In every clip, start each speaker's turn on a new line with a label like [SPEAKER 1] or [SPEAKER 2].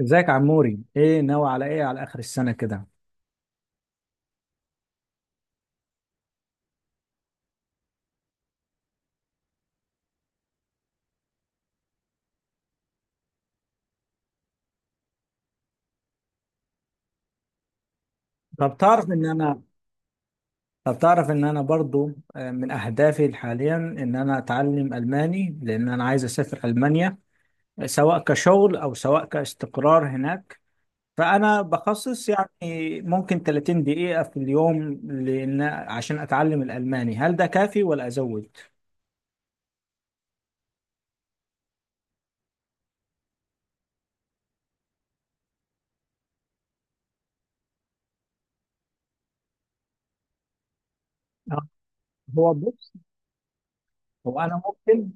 [SPEAKER 1] ازيك يا عموري؟ ايه ناوي على ايه على اخر السنه كده؟ طب تعرف ان انا طب تعرف ان انا برضو، من اهدافي حاليا ان انا اتعلم الماني، لان انا عايز اسافر المانيا سواء كشغل او سواء كاستقرار هناك. فانا بخصص يعني ممكن 30 دقيقه في اليوم، لان عشان اتعلم الالماني، هل ده كافي ولا ازود؟ آه، هو بص، هو انا ممكن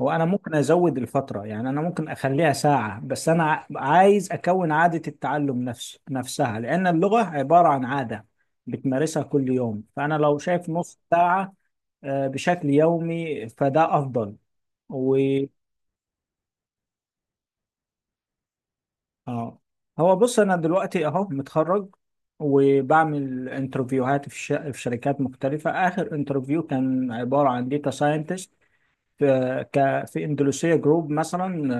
[SPEAKER 1] هو انا ممكن ازود الفتره، يعني انا ممكن اخليها ساعه، بس انا عايز اكون عاده التعلم نفسها، لان اللغه عباره عن عاده بتمارسها كل يوم. فانا لو شايف نص ساعه بشكل يومي فده افضل. و اه هو بص، انا دلوقتي اهو متخرج، وبعمل انترفيوهات في شركات مختلفه. اخر انترفيو كان عباره عن داتا ساينتست، في اندونيسيا جروب مثلا،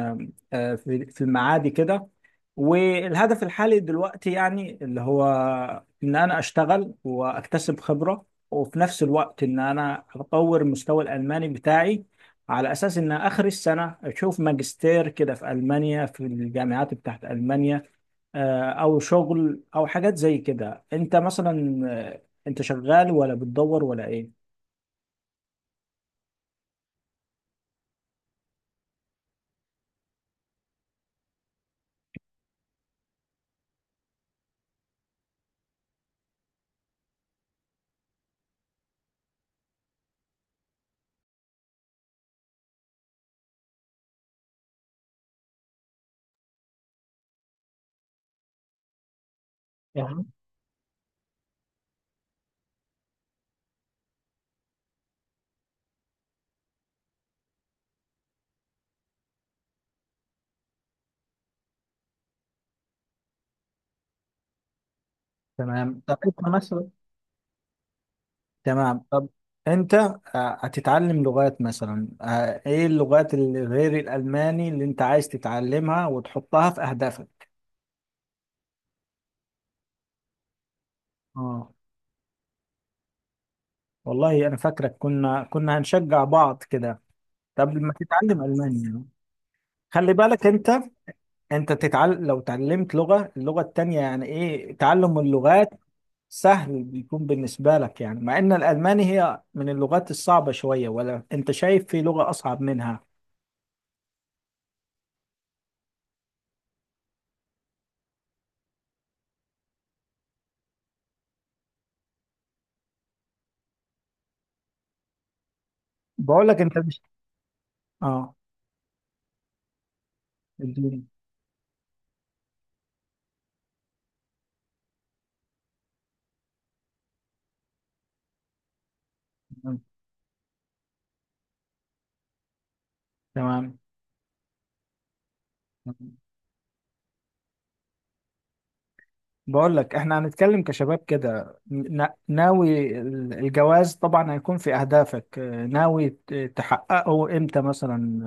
[SPEAKER 1] في المعادي كده. والهدف الحالي دلوقتي يعني اللي هو ان انا اشتغل واكتسب خبرة، وفي نفس الوقت ان انا اطور مستوى الالماني بتاعي، على اساس ان اخر السنة اشوف ماجستير كده في المانيا، في الجامعات بتاعت المانيا او شغل او حاجات زي كده. انت مثلا، انت شغال ولا بتدور ولا ايه؟ يعني. تمام. طب انت مثلا. تمام طب. انت هتتعلم لغات مثلا، ايه اللغات اللي غير الالماني اللي انت عايز تتعلمها وتحطها في اهدافك؟ اه، والله انا فاكرك كنا هنشجع بعض كده قبل ما تتعلم الماني يعني. خلي بالك، انت تتعلم لو تعلمت اللغة التانية، يعني ايه تعلم اللغات؟ سهل بيكون بالنسبة لك، يعني مع ان الالماني هي من اللغات الصعبة شوية، ولا انت شايف في لغة اصعب منها؟ بقول لك انت مش... اه، اديني. تمام. بقول لك، احنا هنتكلم كشباب كده، ناوي الجواز طبعا هيكون في اهدافك، ناوي تحققه امتى مثلا؟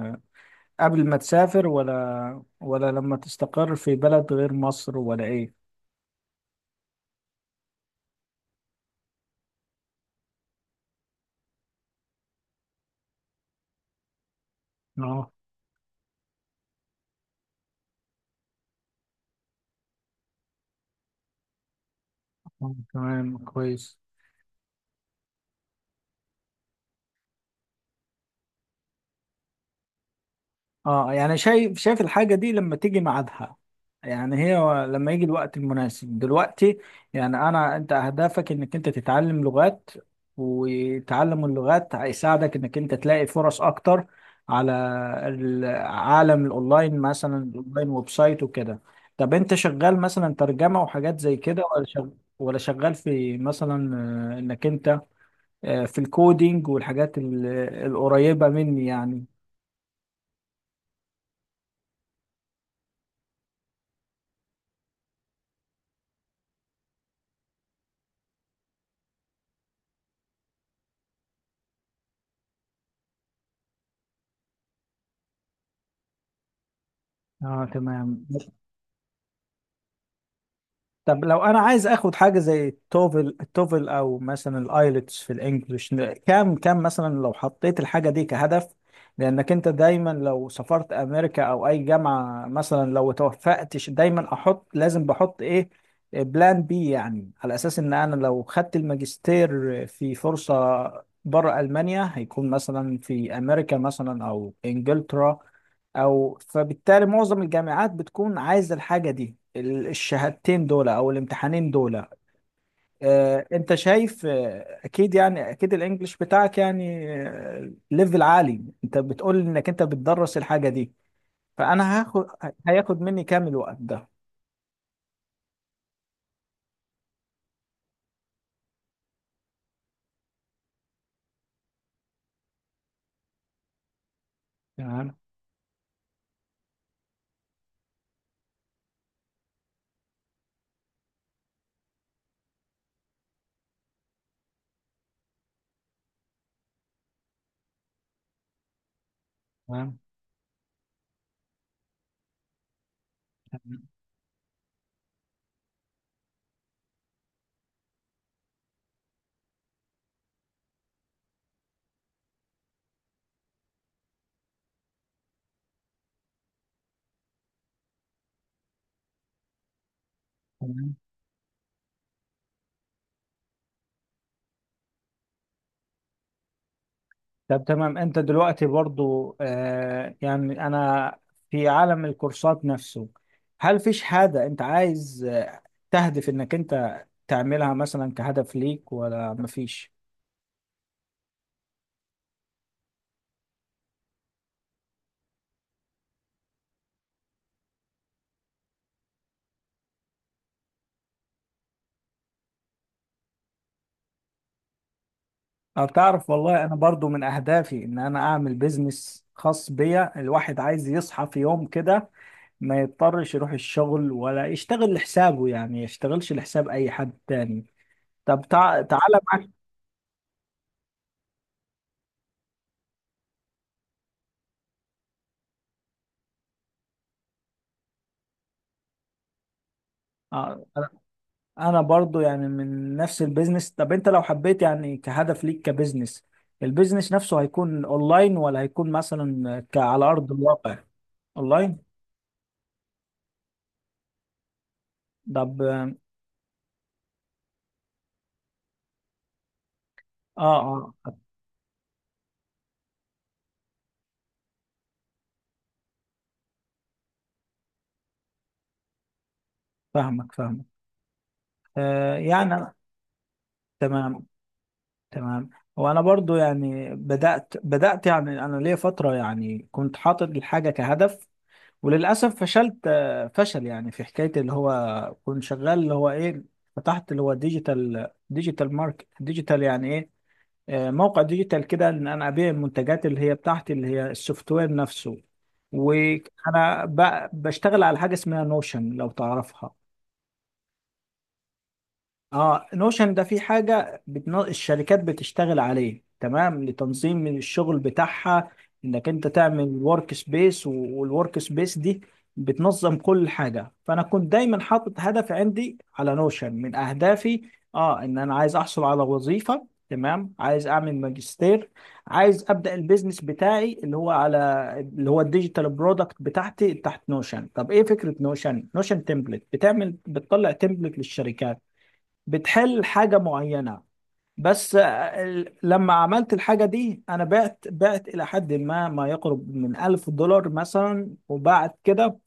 [SPEAKER 1] قبل ما تسافر ولا لما تستقر في بلد غير مصر، ولا ايه؟ اه. تمام، كويس. اه، يعني شايف الحاجة دي لما تيجي ميعادها. يعني هي لما يجي الوقت المناسب دلوقتي. يعني انت، اهدافك انك انت تتعلم لغات، وتعلم اللغات هيساعدك انك انت تلاقي فرص اكتر على العالم الاونلاين، مثلا الاونلاين ويب سايت وكده. طب انت شغال مثلا ترجمة وحاجات زي كده، ولا شغال، في مثلا انك انت في الكودينج والحاجات القريبة مني يعني؟ اه، تمام. طب لو انا عايز اخد حاجه زي التوفل او مثلا الايلتس في الانجليش، كام مثلا لو حطيت الحاجه دي كهدف؟ لانك انت دايما لو سافرت امريكا او اي جامعه مثلا، لو توفقتش، دايما لازم بحط ايه؟ بلان بي، يعني على اساس ان انا لو خدت الماجستير في فرصه بره المانيا، هيكون مثلا في امريكا مثلا او انجلترا، فبالتالي معظم الجامعات بتكون عايزه الحاجه دي، الشهادتين دول او الامتحانين دول. انت شايف اكيد، يعني اكيد الانجليش بتاعك يعني ليفل عالي، انت بتقول انك انت بتدرس الحاجه دي. فانا هاخد هياخد مني كام الوقت ده؟ تمام، تمام، تمام. طب تمام. انت دلوقتي برضو يعني انا، في عالم الكورسات نفسه، هل في شهادة انت عايز تهدف انك انت تعملها مثلا كهدف ليك، ولا مفيش؟ أه، بتعرف، والله انا برضو من اهدافي ان انا اعمل بيزنس خاص بيا. الواحد عايز يصحى في يوم كده ما يضطرش يروح الشغل، ولا يشتغل لحسابه، يعني يشتغلش لحساب اي حد تاني. طب تعالى معاك. آه، انا برضو يعني من نفس البيزنس. طب انت لو حبيت يعني كهدف ليك كبيزنس، البيزنس نفسه هيكون اونلاين ولا هيكون مثلا على ارض الواقع؟ اونلاين. طب اه، اه، فاهمك، فاهمك. يعني تمام، تمام. وانا برضو يعني، بدأت يعني، انا ليا فترة يعني كنت حاطط الحاجة كهدف، وللاسف فشلت، فشل يعني، في حكاية اللي هو كنت شغال اللي هو ايه. فتحت اللي هو ديجيتال ماركت، ديجيتال يعني ايه؟ موقع ديجيتال كده ان انا ابيع المنتجات اللي هي بتاعتي، اللي هي السوفت وير نفسه. وانا بشتغل على حاجه اسمها نوشن، لو تعرفها. اه، نوشن ده في حاجة الشركات بتشتغل عليه تمام لتنظيم من الشغل بتاعها، انك انت تعمل ورك سبيس، والورك سبيس دي بتنظم كل حاجة. فانا كنت دايما حاطط هدف عندي على نوشن. من اهدافي ان انا عايز احصل على وظيفة، تمام، عايز اعمل ماجستير، عايز ابدا البيزنس بتاعي اللي هو اللي هو الديجيتال برودكت بتاعتي تحت نوشن. طب ايه فكرة نوشن؟ نوشن تمبلت، بتطلع تمبلت للشركات، بتحل حاجة معينة. بس لما عملت الحاجة دي، أنا بعت إلى حد ما، ما يقرب من 1000 دولار مثلا، وبعد كده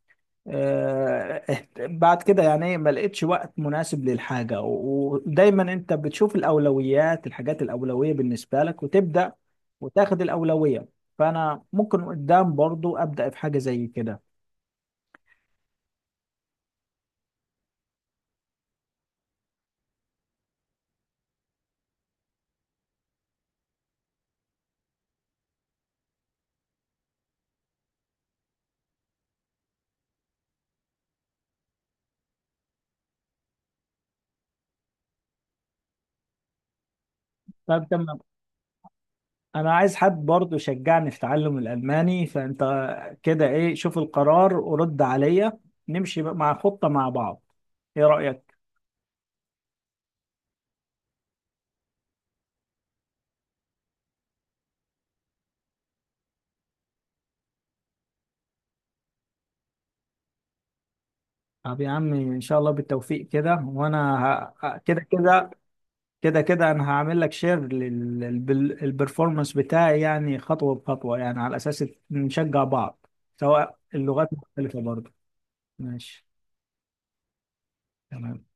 [SPEAKER 1] بعد كده يعني إيه، ما لقيتش وقت مناسب للحاجة، و- ودايما أنت بتشوف الحاجات الأولوية بالنسبة لك، وتبدأ وتاخد الأولوية. فأنا ممكن قدام برضو أبدأ في حاجة زي كده. طب تمام. انا عايز حد برضه يشجعني في تعلم الالماني، فانت كده ايه؟ شوف القرار ورد عليا. نمشي بقى مع خطة مع بعض، ايه رأيك؟ طب يا عمي، ان شاء الله بالتوفيق كده. وانا ه... كده كده كده كده، انا هعمل لك شير للبرفورمانس بتاعي، يعني خطوة بخطوة، يعني على اساس نشجع بعض، سواء اللغات مختلفة برضه. ماشي، تمام.